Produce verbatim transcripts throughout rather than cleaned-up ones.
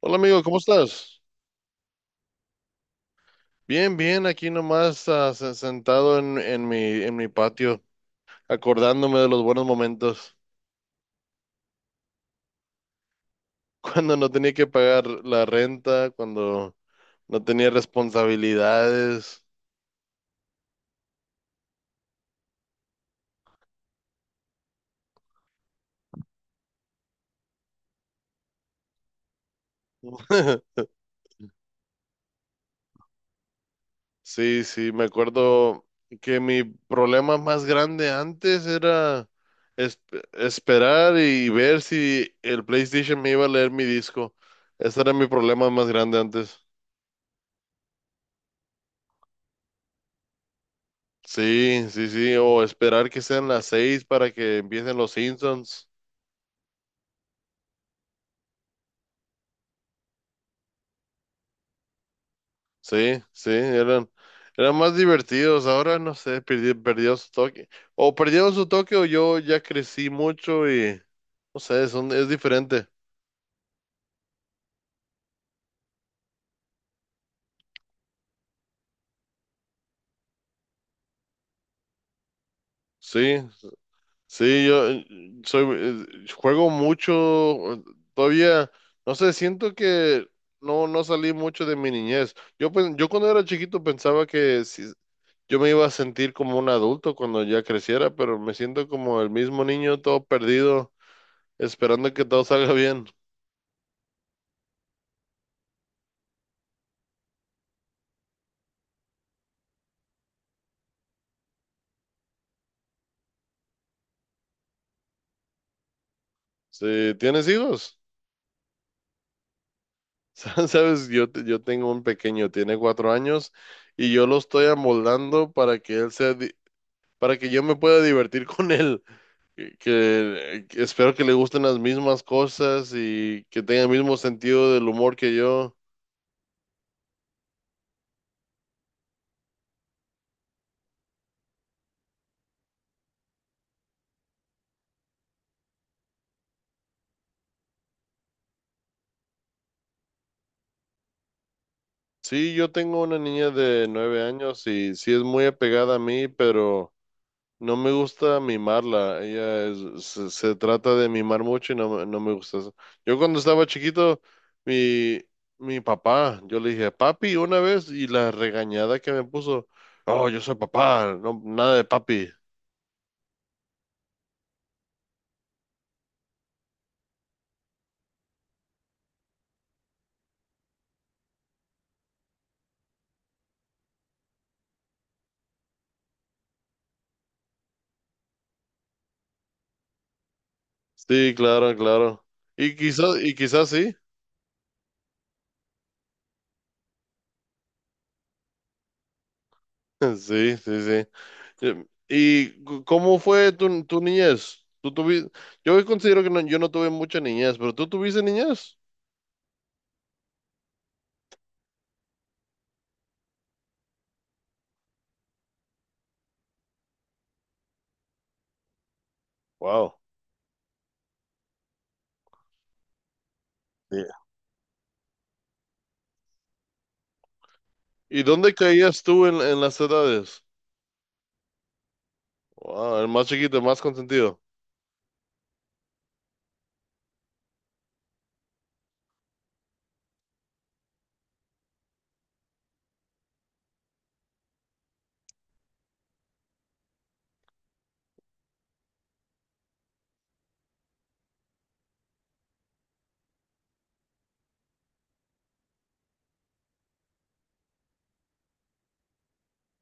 Hola, amigo, ¿cómo estás? Bien, bien, aquí nomás ah, se- sentado en, en mi, en mi patio, acordándome de los buenos momentos. Cuando no tenía que pagar la renta, cuando no tenía responsabilidades. Sí, sí, me acuerdo que mi problema más grande antes era es- esperar y ver si el PlayStation me iba a leer mi disco. Ese era mi problema más grande antes. Sí, sí, sí, o esperar que sean las seis para que empiecen los Simpsons. Sí, sí, eran, eran más divertidos. Ahora no sé, perdi- perdió su toque. O perdieron su toque o yo ya crecí mucho y no sé, son, es diferente. Sí, sí, yo eh, soy, eh, juego mucho. eh, Todavía, no sé, siento que no, no salí mucho de mi niñez. Yo, pen- yo cuando era chiquito pensaba que sí. Yo me iba a sentir como un adulto cuando ya creciera, pero me siento como el mismo niño todo perdido, esperando que todo salga bien. Sí, ¿tienes hijos? Sabes, yo, te- yo tengo un pequeño, tiene cuatro años, y yo lo estoy amoldando para que él sea, di- para que yo me pueda divertir con él. Que, que- que espero que le gusten las mismas cosas y que tenga el mismo sentido del humor que yo. Sí, yo tengo una niña de nueve años y sí es muy apegada a mí, pero no me gusta mimarla, ella es- se, se trata de mimar mucho y no, me- no me gusta eso. Yo cuando estaba chiquito, mi, mi papá, yo le dije, papi, una vez, y la regañada que me puso, oh, yo soy papá, no, nada de papi. Sí, claro, claro. Y quizás, y quizás sí. Sí, sí, sí. Yo- ¿Y cu- cómo fue tu, tu niñez? ¿Tú tuviste? Yo considero que no- yo no tuve mucha niñez, pero ¿tú tuviste niñez? Wow. ¿Y dónde caías tú en, en, las edades? Ah, el más chiquito, el más consentido.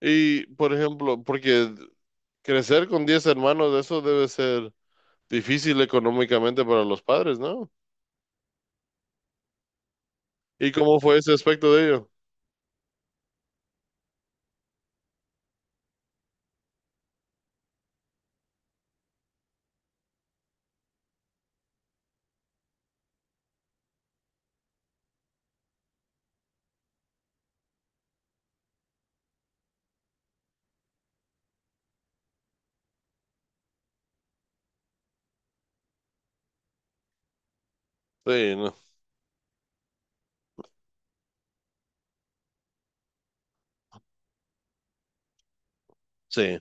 Y, por ejemplo, porque crecer con diez hermanos, eso debe ser difícil económicamente para los padres, ¿no? ¿Y cómo fue ese aspecto de ello? Sí, no, sí.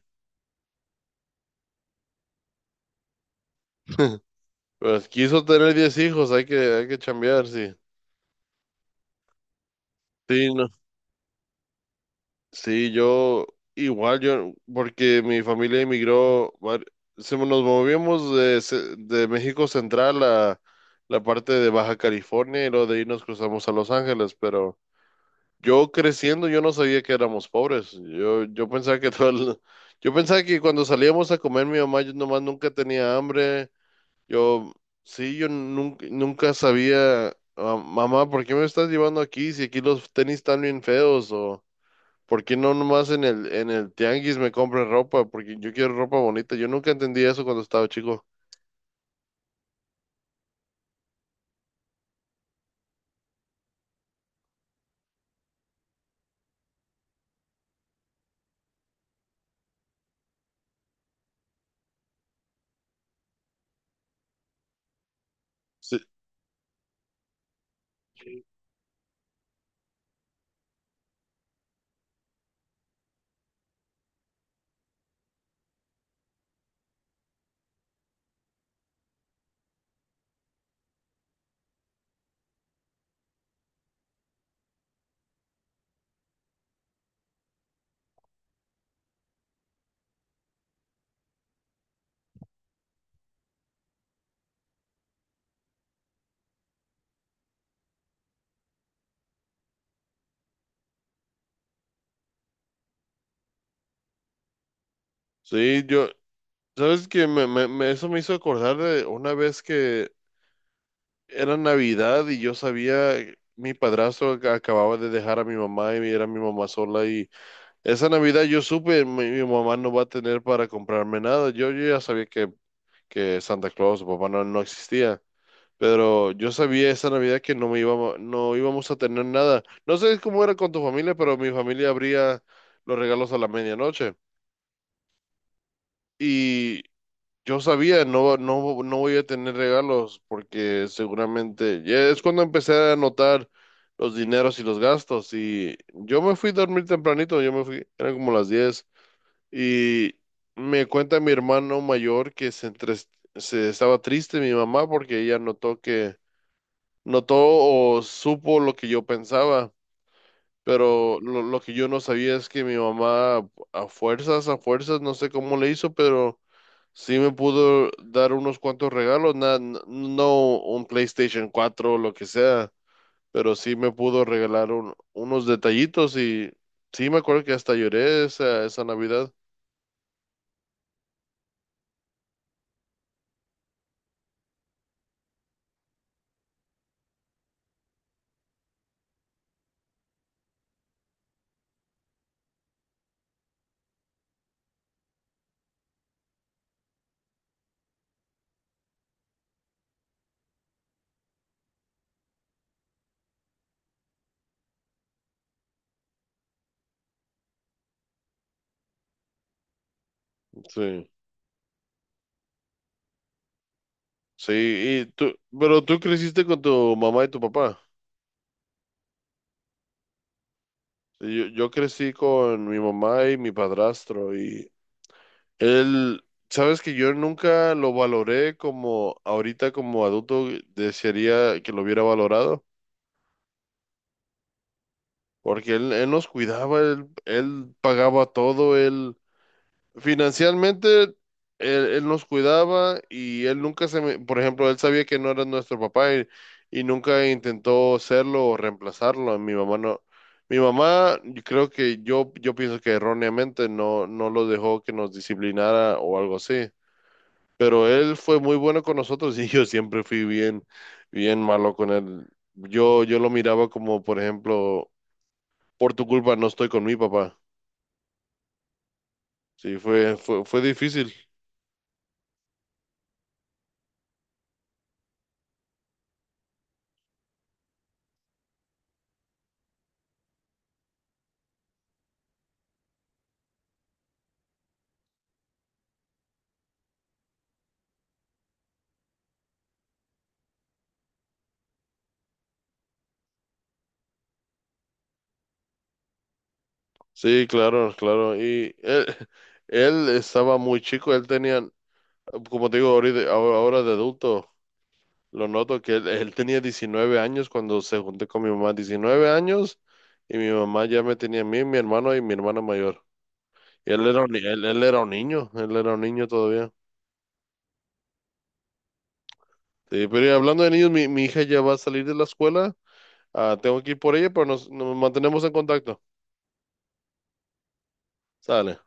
Pues quiso tener diez hijos, hay que, hay que chambear, sí. Sí, no. Sí, yo igual, yo, porque mi familia emigró, var- se- nos movimos de, ce- de México Central a la parte de Baja California y luego de ahí nos cruzamos a Los Ángeles, pero yo creciendo yo no sabía que éramos pobres, yo, yo pensaba que todo el- yo pensaba que cuando salíamos a comer mi mamá yo nomás nunca tenía hambre, yo sí, yo nunca, nunca sabía: "Ah, mamá, ¿por qué me estás llevando aquí si aquí los tenis están bien feos? O ¿por qué no nomás en el, en el tianguis me compran ropa? Porque yo quiero ropa bonita". Yo nunca entendí eso cuando estaba chico. Sí, sí, yo, ¿sabes qué? Me, me- me- eso me hizo acordar de una vez que era Navidad y yo sabía, mi padrastro ac- acababa de dejar a mi mamá y era mi mamá sola y esa Navidad yo supe, mi, mi mamá no va a tener para comprarme nada. Yo, yo ya sabía que, que Santa Claus o papá no, no existía. Pero yo sabía esa Navidad que no me íbamos, no íbamos a tener nada. No sé cómo era con tu familia, pero mi familia abría los regalos a la medianoche. Y yo sabía, no, no, no voy a tener regalos porque seguramente ya es cuando empecé a anotar los dineros y los gastos. Y yo me fui a dormir tempranito, yo me fui, eran como las diez. Y me cuenta mi hermano mayor que se, entres- se estaba triste mi mamá porque ella notó que notó o supo lo que yo pensaba, pero lo, lo que yo no sabía es que mi mamá a fuerzas, a fuerzas, no sé cómo le hizo, pero sí me pudo dar unos cuantos regalos, na- n- no un PlayStation cuatro o lo que sea, pero sí me pudo regalar un- unos detallitos y sí me acuerdo que hasta lloré esa, esa Navidad. Sí. Sí, y tú, pero tú creciste con tu mamá y tu papá. Sí, Yo, yo crecí con mi mamá y mi padrastro. Él, sabes que yo nunca lo valoré como ahorita; como adulto eh, desearía que lo hubiera valorado, porque él, él nos cuidaba, él, él pagaba todo, él financieramente él, él nos cuidaba y él nunca se me, por ejemplo, él sabía que no era nuestro papá y, y nunca intentó serlo o reemplazarlo. Mi mamá no, mi mamá, yo creo que yo, yo pienso que erróneamente no, no lo dejó que nos disciplinara o algo así. Pero él fue muy bueno con nosotros y yo siempre fui bien, bien malo con él. Yo, yo lo miraba como, por ejemplo, por tu culpa no estoy con mi papá. Sí, fue, fue, fue difícil. Sí, claro, claro. Y él, él estaba muy chico, él tenía, como te digo, ahorita, ahora ahora de adulto, lo noto que él, él tenía diecinueve años cuando se junté con mi mamá, diecinueve años, y mi mamá ya me tenía a mí, mi hermano y mi hermana mayor. Y él era un, ni- él él era un niño, él era un niño todavía. Sí, pero ya hablando de niños, mi, mi hija ya va a salir de la escuela. Ah, tengo que ir por ella, pero nos, nos mantenemos en contacto. Sale.